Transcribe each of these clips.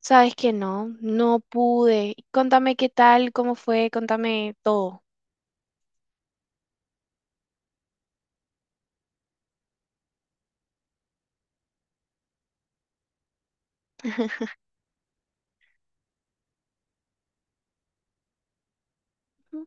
Sabes que no, no pude. Contame qué tal, cómo fue, contame todo. Ujú.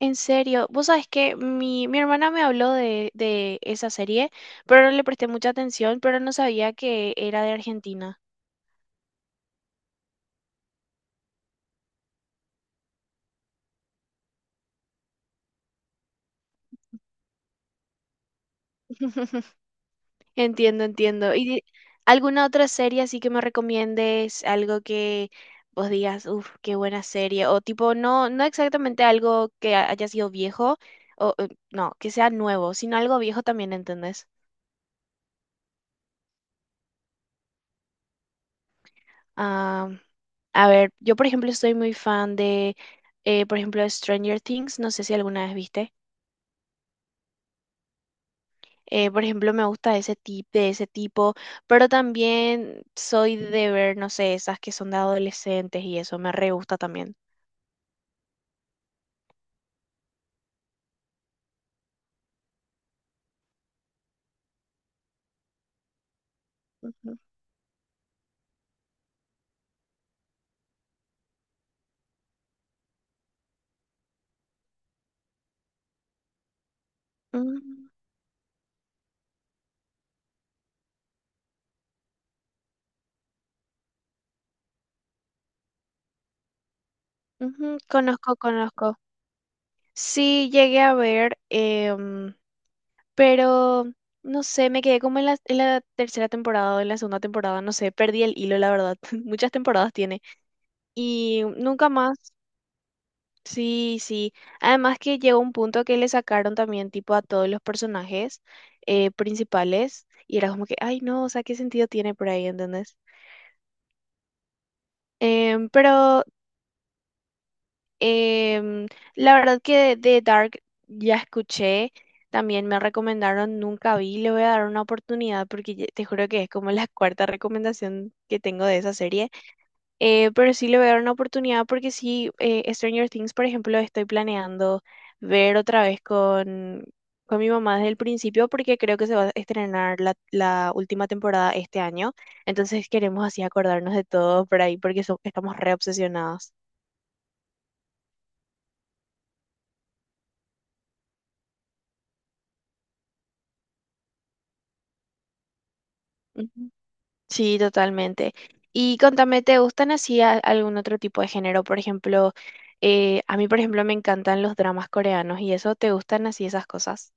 En serio, vos sabes que mi hermana me habló de esa serie, pero no le presté mucha atención. Pero no sabía que era de Argentina. Entiendo, entiendo. ¿Alguna otra serie así que me recomiendes? Algo que vos digas, uff, qué buena serie. O tipo, no, no exactamente algo que haya sido viejo, o no, que sea nuevo, sino algo viejo también, ¿entendés? Ah, a ver, yo por ejemplo soy muy fan de, por ejemplo, Stranger Things, no sé si alguna vez viste. Por ejemplo, me gusta ese tipo, pero también soy de ver, no sé, esas que son de adolescentes y eso me re gusta también. Ujú. Mm, ujú. Conozco, conozco. Sí, llegué a ver, pero no sé, me quedé como en en la tercera temporada o en la segunda temporada, no sé, perdí el hilo, la verdad. Muchas temporadas tiene. Y nunca más. Sí, sí. Además que llegó un punto que le sacaron también tipo a todos los personajes principales, y era como que, ay no, o sea, ¿qué sentido tiene por ahí, ¿entendés? Em, pero em, la verdad que de Dark ya escuché, también me recomendaron, nunca vi, le voy a dar una oportunidad porque te juro que es como la cuarta recomendación que tengo de esa serie. Pero sí le voy a dar una oportunidad porque sí. Eh, Stranger Things, por ejemplo, estoy planeando ver otra vez con mi mamá desde el principio, porque creo que se va a estrenar la última temporada este año. Entonces queremos así acordarnos de todo por ahí, porque estamos re obsesionados. Ujú. Sí, totalmente. Y contame, ¿te gustan así algún otro tipo de género? Por ejemplo, a mí, por ejemplo, me encantan los dramas coreanos y eso. ¿Te gustan así esas cosas?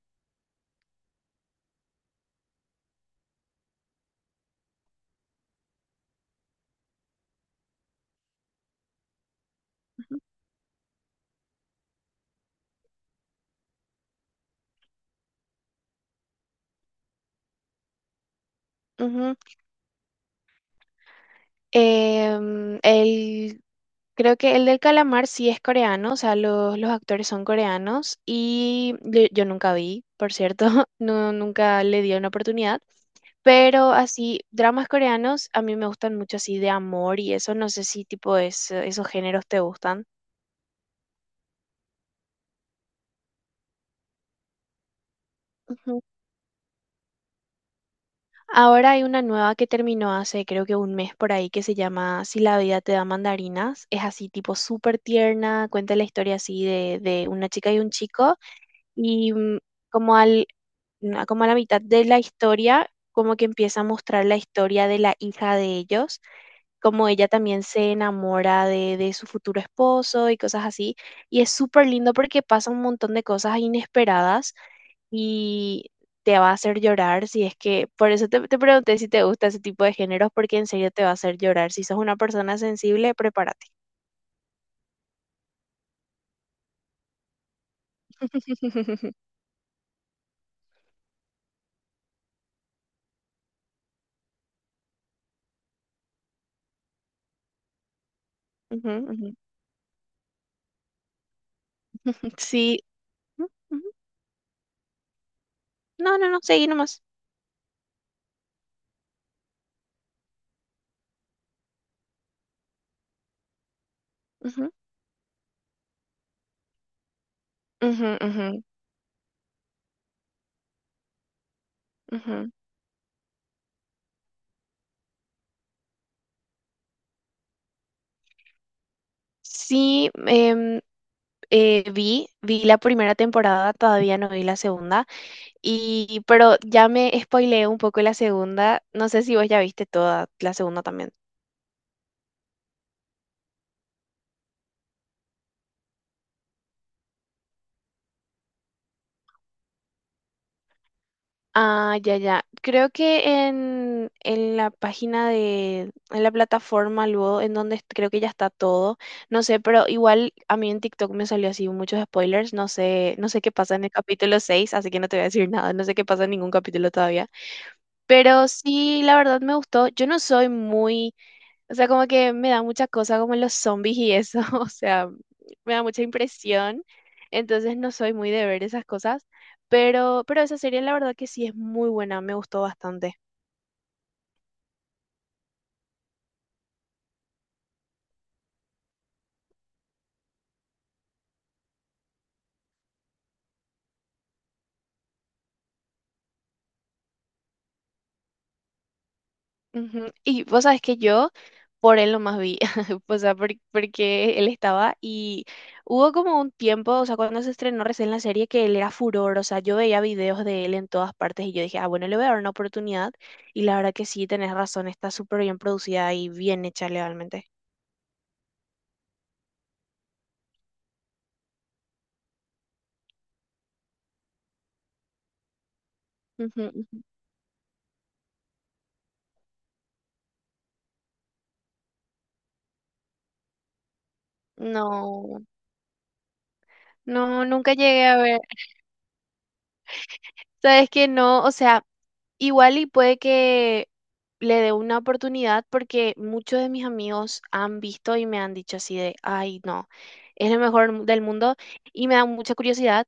Ujú. Em, el, creo que el del calamar sí es coreano, o sea, los actores son coreanos, y yo nunca vi, por cierto, no, nunca le di una oportunidad, pero así, dramas coreanos a mí me gustan mucho así de amor y eso, no sé si esos géneros te gustan. Ujú. Ahora hay una nueva que terminó hace creo que un mes por ahí, que se llama Si la Vida te da Mandarinas. Es así tipo súper tierna, cuenta la historia así de una chica y un chico y como al, como a la mitad de la historia, como que empieza a mostrar la historia de la hija de ellos, como ella también se enamora de su futuro esposo y cosas así. Y es súper lindo porque pasa un montón de cosas inesperadas y te va a hacer llorar si es que, por eso te, te pregunté si te gusta ese tipo de géneros, porque en serio te va a hacer llorar. Si sos una persona sensible, prepárate. Ujú, ujú. Sí. Ujú, ujú. No, no, no, seguí nomás. Ujú, ujú, ujú. Ujú. Sí, vi, vi la primera temporada, todavía no vi la segunda, y pero ya me spoileé un poco la segunda, no sé si vos ya viste toda la segunda también. Ah, ya, ya. Creo que en la página de, en la plataforma luego, en donde creo que ya está todo, no sé, pero igual a mí en TikTok me salió así muchos spoilers, no sé, no sé qué pasa en el capítulo 6. Así que no te voy a decir nada, no sé qué pasa en ningún capítulo todavía. Pero sí, la verdad me gustó. Yo no soy muy, o sea, como que me da mucha cosa como los zombies y eso, o sea, me da mucha impresión. Entonces no soy muy de ver esas cosas, pero esa serie la verdad que sí es muy buena, me gustó bastante. Ujú. Y vos sabes que yo por él nomás vi, o sea, porque él estaba. Y hubo como un tiempo, o sea, cuando se estrenó recién la serie, que él era furor, o sea, yo veía videos de él en todas partes y yo dije, ah, bueno, le voy a dar una oportunidad. Y la verdad que sí, tenés razón, está súper bien producida y bien hecha legalmente. Ujú. Ujú. No, no, nunca llegué a ver. Sabes que no, o sea, igual y puede que le dé una oportunidad, porque muchos de mis amigos han visto y me han dicho así de, ay, no, es lo mejor del mundo, y me da mucha curiosidad.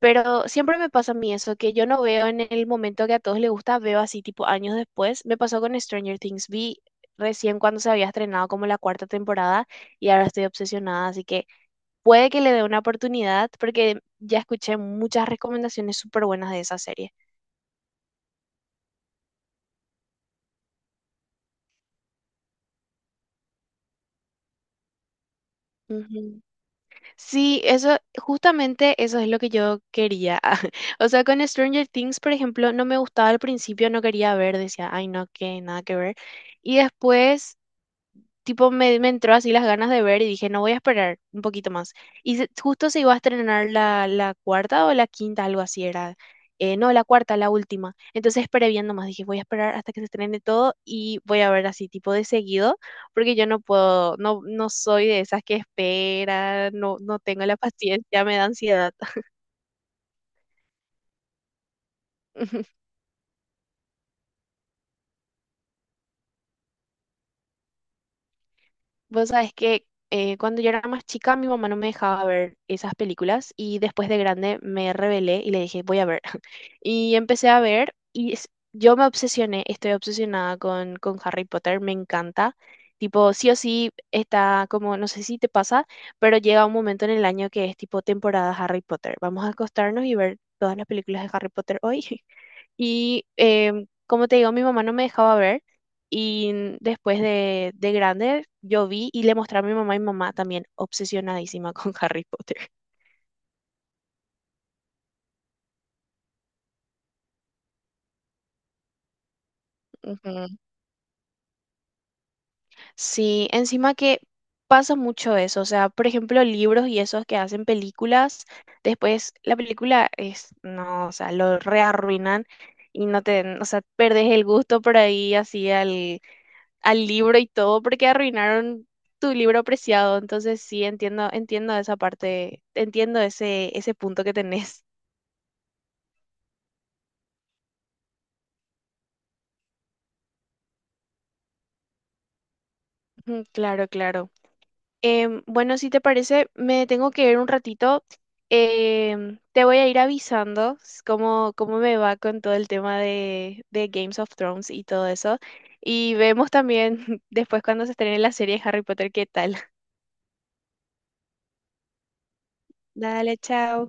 Pero siempre me pasa a mí eso, que yo no veo en el momento que a todos les gusta, veo así tipo años después. Me pasó con Stranger Things, vi recién cuando se había estrenado como la cuarta temporada, y ahora estoy obsesionada, así que puede que le dé una oportunidad porque ya escuché muchas recomendaciones súper buenas de esa serie. Sí, eso, justamente eso es lo que yo quería. O sea, con Stranger Things, por ejemplo, no me gustaba al principio, no quería ver, decía, ay, no, que nada que ver. Y después tipo me entró así las ganas de ver y dije, no, voy a esperar un poquito más. Justo se iba a estrenar la cuarta o la quinta, algo así era. No, la cuarta, la última. Entonces esperé viendo más, dije, voy a esperar hasta que se estrene todo y voy a ver así tipo de seguido, porque yo no puedo, no, no soy de esas que esperan, no, no tengo la paciencia, me da ansiedad. Vos sabés que cuando yo era más chica, mi mamá no me dejaba ver esas películas, y después de grande me rebelé y le dije, voy a ver. Y empecé a ver y yo me obsesioné, estoy obsesionada con Harry Potter, me encanta. Tipo, sí o sí está como, no sé si te pasa, pero llega un momento en el año que es tipo temporada Harry Potter. Vamos a acostarnos y ver todas las películas de Harry Potter hoy. Y como te digo, mi mamá no me dejaba ver. Y después de grande, yo vi y le mostré a mi mamá, y mi mamá también obsesionadísima con Harry Potter. Ujú. Sí, encima que pasa mucho eso, o sea, por ejemplo, libros y esos que hacen películas, después la película es, no, o sea, lo rearruinan, y no te, o sea, perdés el gusto por ahí así al, al libro y todo porque arruinaron tu libro preciado. Entonces sí, entiendo, entiendo esa parte, entiendo ese, ese punto que tenés. Ujú, claro, claro. Bueno, si te parece, me tengo que ir un ratito. Em, te voy a ir avisando cómo, cómo me va con todo el tema de Games of Thrones y todo eso. Y vemos también después cuando se estrene la serie de Harry Potter, qué tal. Dale, chao.